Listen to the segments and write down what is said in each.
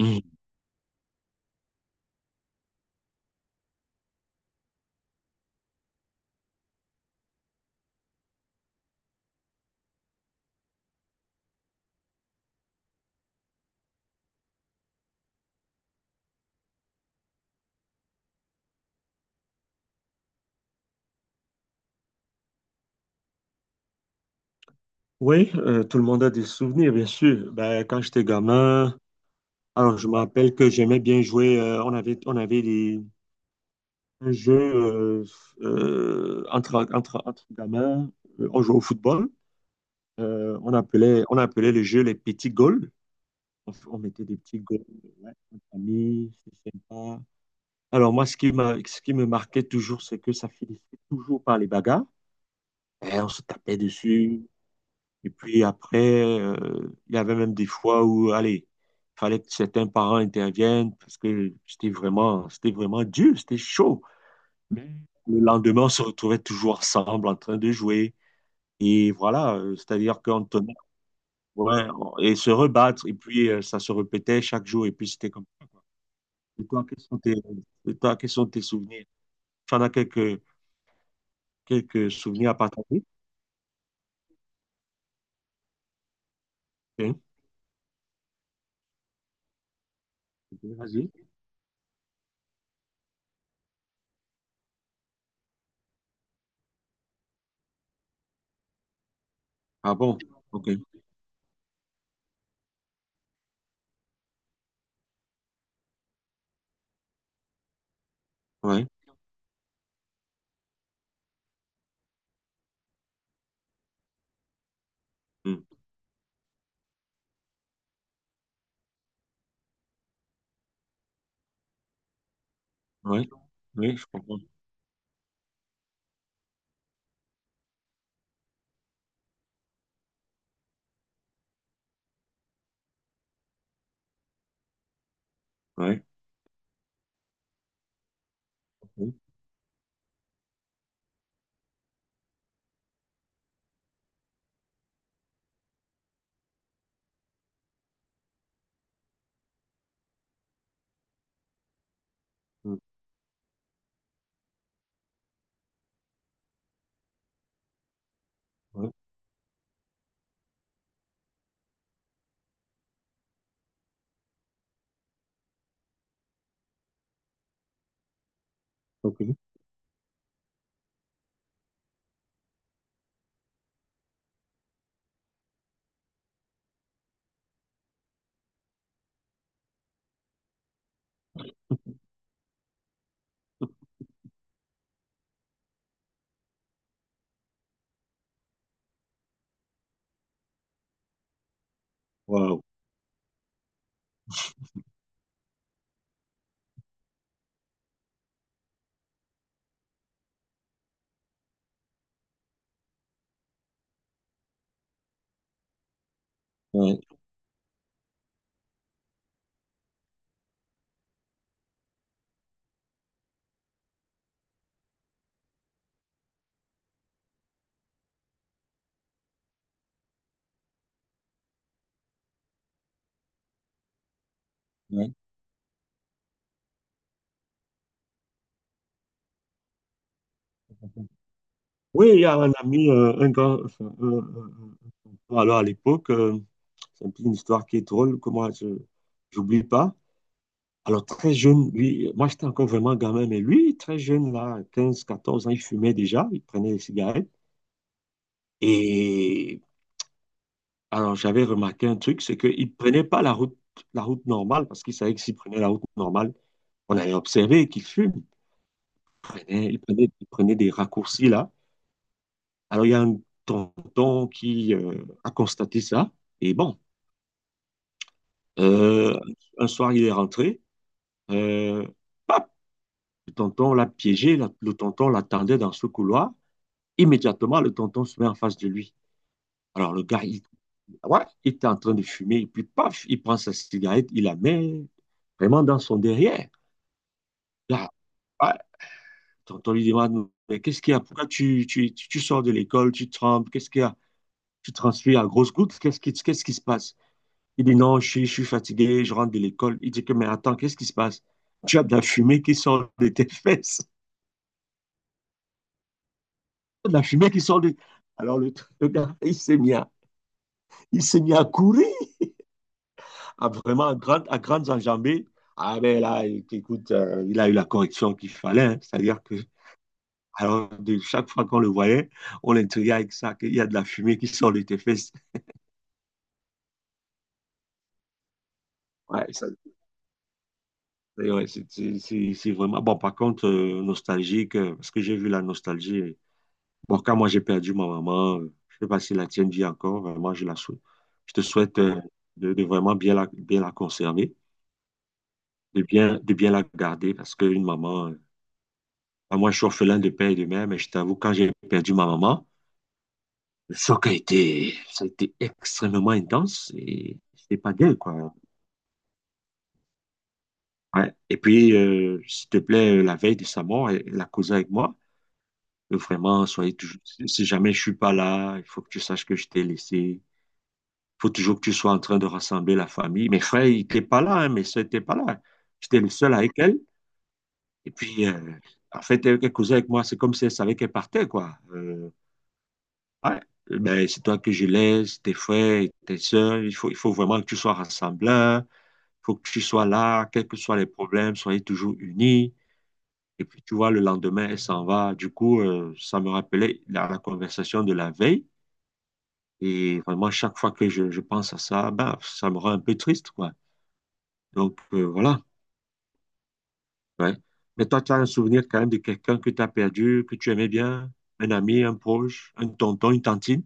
Mhm. Oui, tout le monde a des souvenirs, bien sûr. Ben, quand j'étais gamin, alors je me rappelle que j'aimais bien jouer. On avait un jeu entre gamins. On jouait au football. On appelait le jeu les petits goals. On mettait des petits goals. Ouais, entre amis, c'est sympa. Alors moi, ce qui me marquait toujours, c'est que ça finissait toujours par les bagarres. Et on se tapait dessus. Et puis après, euh, il y avait même des fois où, allez, il fallait que certains parents interviennent parce que c'était vraiment dur, c'était chaud. Mais le lendemain, on se retrouvait toujours ensemble en train de jouer. Et voilà, c'est-à-dire qu'on tenait, ouais, et se rebattre. Et puis, ça se répétait chaque jour. Et puis, c'était comme. Et toi, quels sont tes, et toi, quels sont tes souvenirs? Tu en as quelques souvenirs à partager? Hein. Vas-y. Ah bon? OK. Ouais. Hmm. Ouais. Oui, je comprends. Ouais. Oui, oui, oui, ok. Waouh. Ouais, ouais. Oui, il y a un ami, un gars, enfin, alors à l'époque, c'est un peu une histoire qui est drôle, que moi, je n'oublie pas. Alors, très jeune, lui, moi, j'étais encore vraiment gamin, mais lui, très jeune, là, 15, 14 ans, il fumait déjà, il prenait des cigarettes. Et alors, j'avais remarqué un truc, c'est qu'il ne prenait pas la route normale, parce qu'il savait que s'il prenait la route normale, on allait observer qu'il fume. Il prenait des raccourcis, là. Alors, il y a un tonton qui a constaté ça. Et bon, euh, un soir, il est rentré. Euh, paf, le tonton l'a piégé. Le tonton l'attendait dans ce couloir. Immédiatement, le tonton se met en face de lui. Alors, le gars, il, ouais, il était en train de fumer. Et puis, paf, il prend sa cigarette, il la met vraiment dans son derrière. Là, ouais, le tonton lui demande, mais qu'est-ce qu'il y a? Pourquoi tu sors de l'école? Tu trembles? Qu'est-ce qu'il y a? Tu transpires à grosses gouttes? Qu'est-ce qui se passe? Il dit non, je suis fatigué, je rentre de l'école. Il dit que, mais attends, qu'est-ce qui se passe? Tu as de la fumée qui sort de tes fesses. De la fumée qui sort de... Alors le gars, il s'est mis à courir, à vraiment à grandes enjambées. Ah ben là, écoute, il a eu la correction qu'il fallait. Hein. C'est-à-dire que, alors, de chaque fois qu'on le voyait, on l'intriguait avec ça, qu'il y a de la fumée qui sort de tes fesses. Ouais, c'est vraiment... Bon, par contre, nostalgique, parce que j'ai vu la nostalgie. Bon, quand moi j'ai perdu ma maman, je sais pas si la tienne vit encore, vraiment, je la souhaite. Je te souhaite de vraiment bien la conserver, de bien la garder, parce qu'une maman, ah, moi je suis orphelin de père et de mère, mais je t'avoue, quand j'ai perdu ma maman, le choc a été, ça a été extrêmement intense et c'était pas gay, quoi. Ouais. Et puis, s'il te plaît, la veille de sa mort, elle a causé avec moi. Vraiment, soyez toujours, si jamais je suis pas là, il faut que tu saches que je t'ai laissé. Faut toujours que tu sois en train de rassembler la famille. Mes frères, ils n'étaient pas là, hein, mes soeurs n'étaient pas là. J'étais le seul avec elle. Et puis, en fait, elle causait avec moi, c'est comme si elle savait qu'elle partait, quoi. Ouais, ben, c'est toi que je laisse, tes frères, tes soeurs. Il faut vraiment que tu sois rassembleur. Il faut que tu sois là, quels que soient les problèmes, soyez toujours unis. Et puis, tu vois, le lendemain, elle s'en va. Du coup, ça me rappelait la conversation de la veille. Et vraiment, chaque fois que je pense à ça, ben, ça me rend un peu triste, quoi. Donc, voilà. Ouais. Mais toi, tu as un souvenir quand même de quelqu'un que tu as perdu, que tu aimais bien, un ami, un proche, un tonton, une tantine.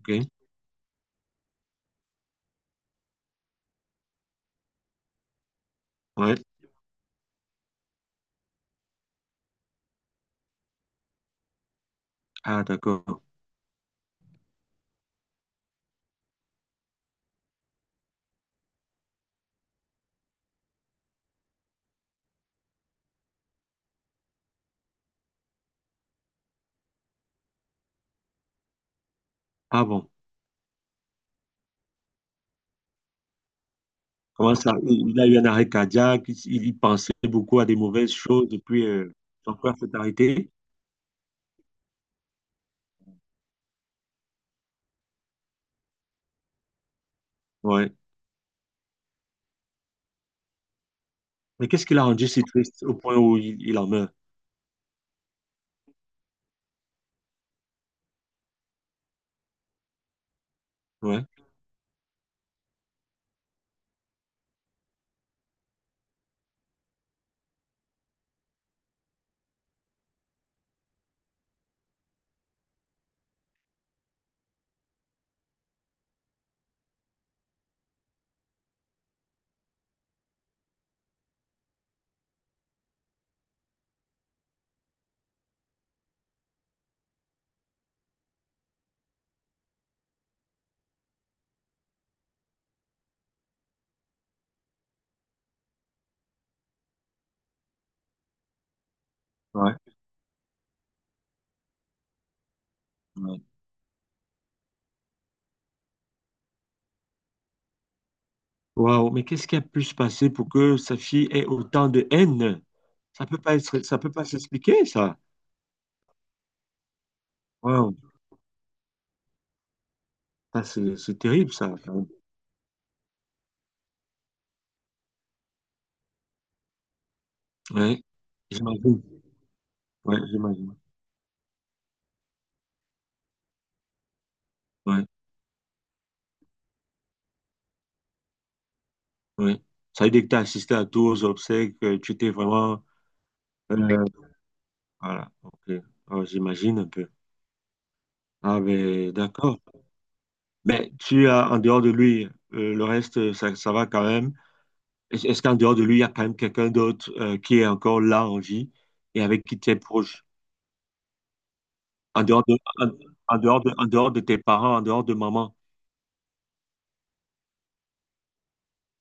OK. Ouais. Ah, d'accord. Ah bon. Comment ça? Il a eu un arrêt cardiaque, il y pensait beaucoup à des mauvaises choses, et puis son cœur s'est arrêté. Ouais. Mais qu'est-ce qui l'a rendu si triste au point où il en meurt? Ouais. Ouais. Ouais. Waouh, mais qu'est-ce qui a pu se passer pour que sa fille ait autant de haine? Ça peut pas être, ça peut pas s'expliquer, ça. Wow. Ah, c'est terrible ça. Ouais, j'imagine. Ouais, j'imagine. Ouais, ouais. Ça veut dire que tu as assisté à tous aux obsèques, tu t'es vraiment. euh, voilà, ok. Oh, j'imagine un peu. Ah, ben, d'accord. Mais tu as, en dehors de lui, le reste, ça va quand même. Est-ce qu'en dehors de lui, il y a quand même quelqu'un d'autre qui est encore là en vie et avec qui tu es proche? En dehors de, en, en dehors de tes parents, en dehors de maman.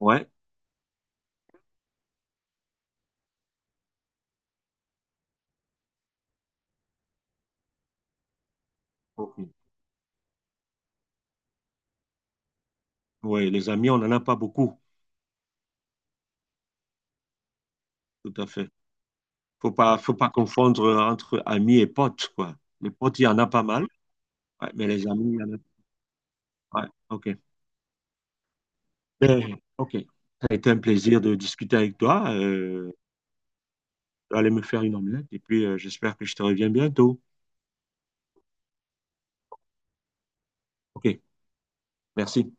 Ouais, ok. Ouais, les amis, on n'en a pas beaucoup. Tout à fait. Faut pas confondre entre amis et potes, quoi. Les potes, il y en a pas mal, ouais, mais les amis, il y en a. Ouais, ok. Ben, ok. Ça a été un plaisir de discuter avec toi. Je vais aller me faire une omelette et puis j'espère que je te reviens bientôt. Ok, merci.